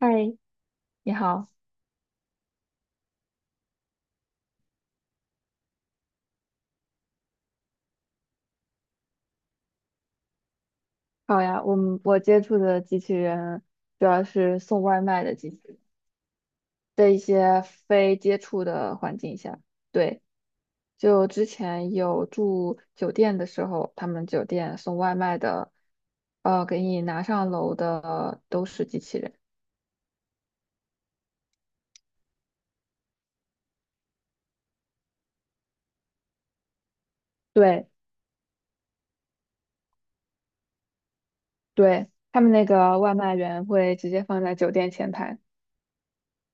嗨，你好，好呀。我接触的机器人主要是送外卖的机器人，在一些非接触的环境下。对，就之前有住酒店的时候，他们酒店送外卖的，给你拿上楼的都是机器人。对对，他们那个外卖员会直接放在酒店前台。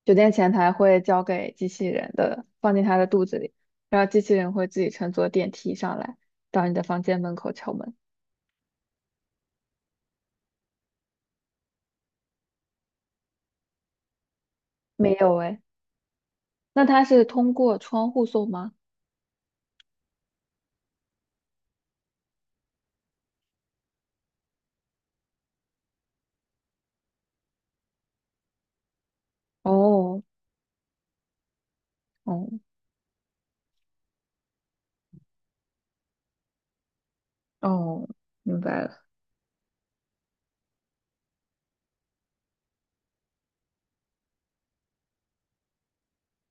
酒店前台会交给机器人的，放进它的肚子里，然后机器人会自己乘坐电梯上来，到你的房间门口敲门。没有诶，那它是通过窗户送吗？哦，哦，哦，明白了。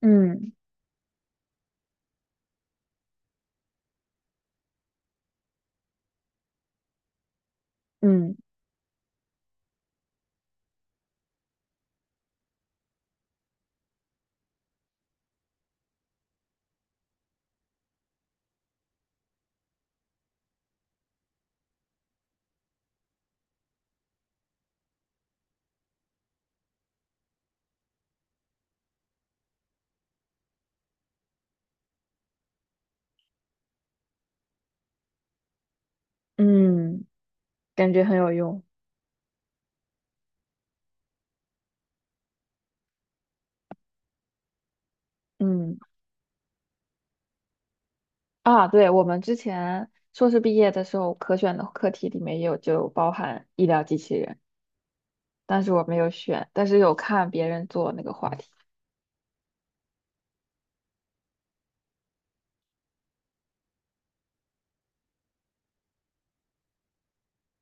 嗯嗯嗯，感觉很有用。嗯啊，对，我们之前硕士毕业的时候，可选的课题里面也有就包含医疗机器人，但是我没有选，但是有看别人做那个话题。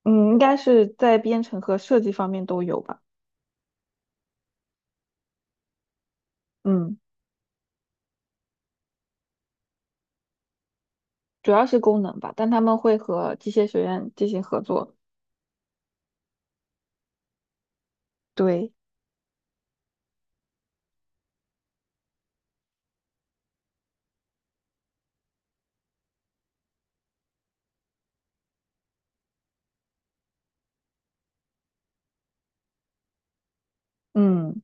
嗯，应该是在编程和设计方面都有吧。嗯，主要是功能吧，但他们会和机械学院进行合作。对，嗯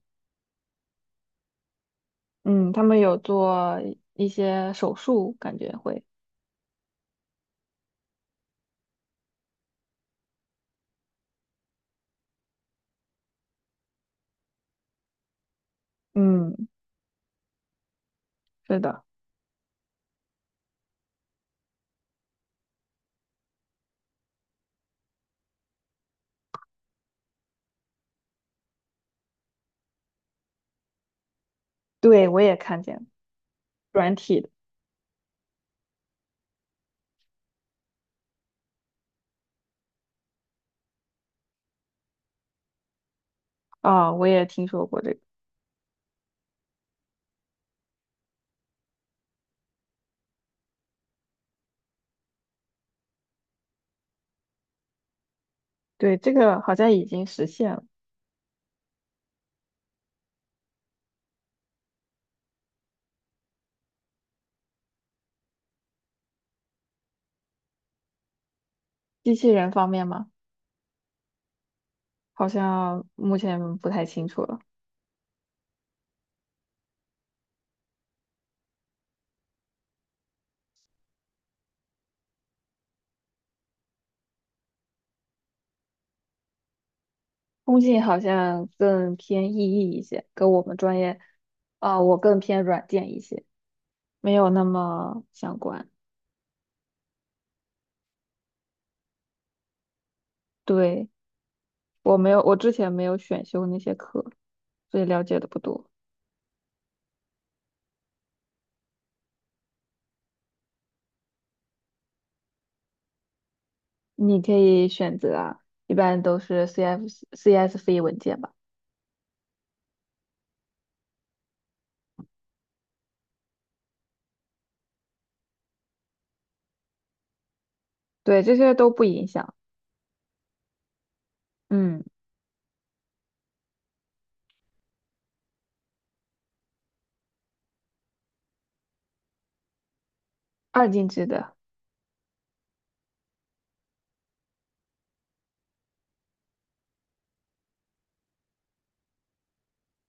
嗯，他们有做一些手术，感觉会。嗯，是的，对，我也看见了软体的。啊，我也听说过这个。对，这个好像已经实现了。机器人方面吗？好像目前不太清楚了。通信好像更偏意义一些，跟我们专业，我更偏软件一些。没有那么相关。对，我没有，我之前没有选修那些课，所以了解的不多。你可以选择啊，一般都是 CF、CSV 文件吧。对，这些都不影响。嗯，二进制的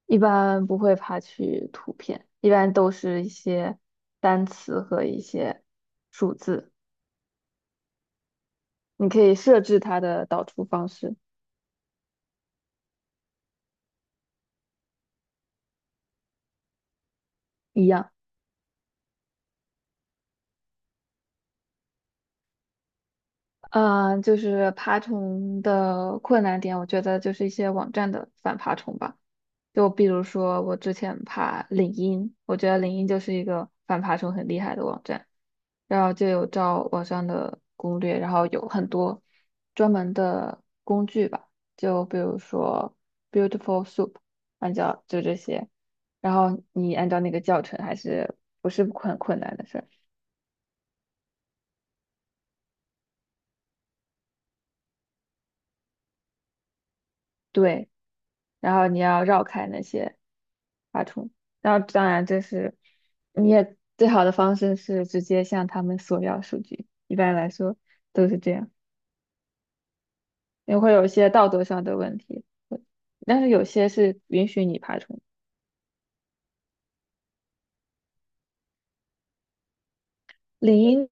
一般不会爬取图片，一般都是一些单词和一些数字。你可以设置它的导出方式一样。嗯，就是爬虫的困难点，我觉得就是一些网站的反爬虫吧。就比如说，我之前爬领英，我觉得领英就是一个反爬虫很厉害的网站，然后就有照网上的攻略，然后有很多专门的工具吧，就比如说 Beautiful Soup，按照就这些，然后你按照那个教程还是不是很困难的事儿。对，然后你要绕开那些爬虫。然后当然这是你也最好的方式是直接向他们索要数据，一般来说都是这样，也会有一些道德上的问题，但是有些是允许你爬虫。领英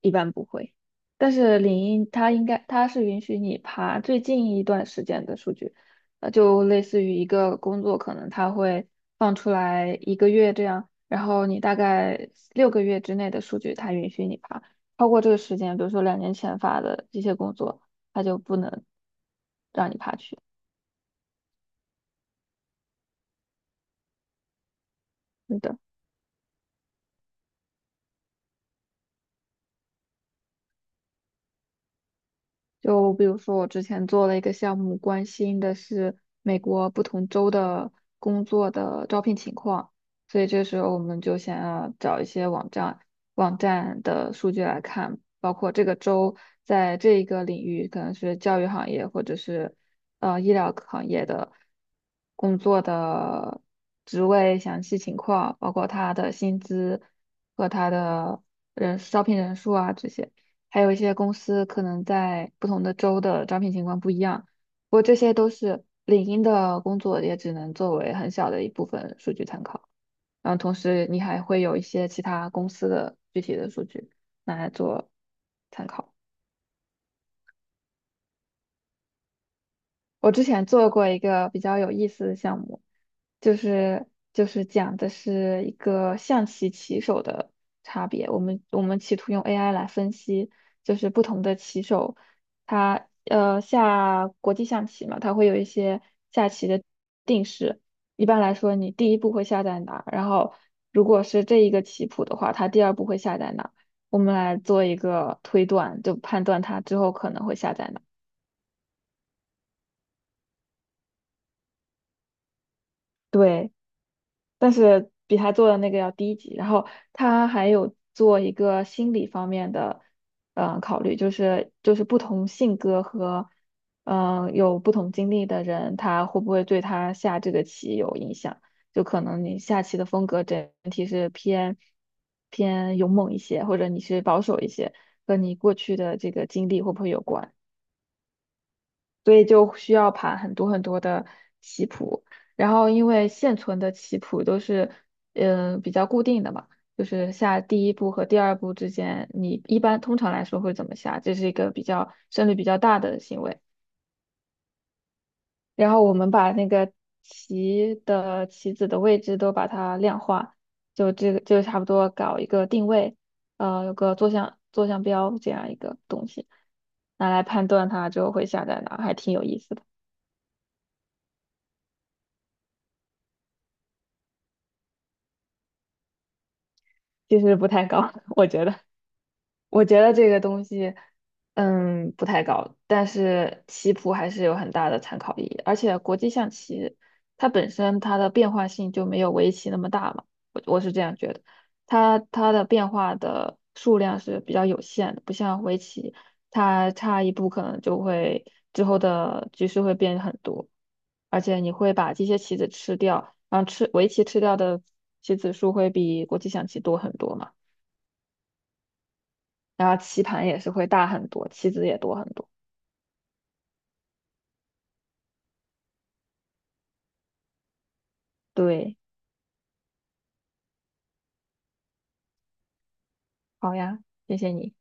一般不会。但是领英它应该它是允许你爬最近一段时间的数据，呃，就类似于一个工作可能它会放出来1个月这样，然后你大概6个月之内的数据它允许你爬，超过这个时间，比如说2年前发的这些工作，它就不能让你爬去。的。就比如说，我之前做了一个项目，关心的是美国不同州的工作的招聘情况，所以这时候我们就想要找一些网站的数据来看，包括这个州在这一个领域，可能是教育行业或者是医疗行业的工作的职位详细情况，包括他的薪资和他的人招聘人数啊这些。还有一些公司可能在不同的州的招聘情况不一样。不过这些都是领英的工作，也只能作为很小的一部分数据参考。然后同时你还会有一些其他公司的具体的数据拿来做参考。我之前做过一个比较有意思的项目，就是就是讲的是一个象棋棋手的差别。我们企图用 AI 来分析，就是不同的棋手，他下国际象棋嘛，他会有一些下棋的定式。一般来说，你第一步会下在哪？然后如果是这一个棋谱的话，他第二步会下在哪？我们来做一个推断，就判断他之后可能会下在哪。对。但是比他做的那个要低级。然后他还有做一个心理方面的，考虑，就是不同性格和有不同经历的人，他会不会对他下这个棋有影响？就可能你下棋的风格整体是偏勇猛一些，或者你是保守一些，和你过去的这个经历会不会有关？所以就需要盘很多很多的棋谱。然后因为现存的棋谱都是比较固定的嘛，就是下第一步和第二步之间，你一般通常来说会怎么下？这是一个比较胜率比较大的行为。然后我们把那个棋的棋子的位置都把它量化，就这个就差不多搞一个定位，有个坐向标这样一个东西，拿来判断它之后会下在哪，还挺有意思的。其实不太高，我觉得，我觉得这个东西，嗯，不太高，但是棋谱还是有很大的参考意义，而且国际象棋它本身它的变化性就没有围棋那么大嘛，我是这样觉得，它的变化的数量是比较有限的，不像围棋，它差一步可能就会之后的局势会变很多，而且你会把这些棋子吃掉，然后吃围棋吃掉的棋子数会比国际象棋多很多嘛。然后棋盘也是会大很多，棋子也多很多。对，好呀，谢谢你。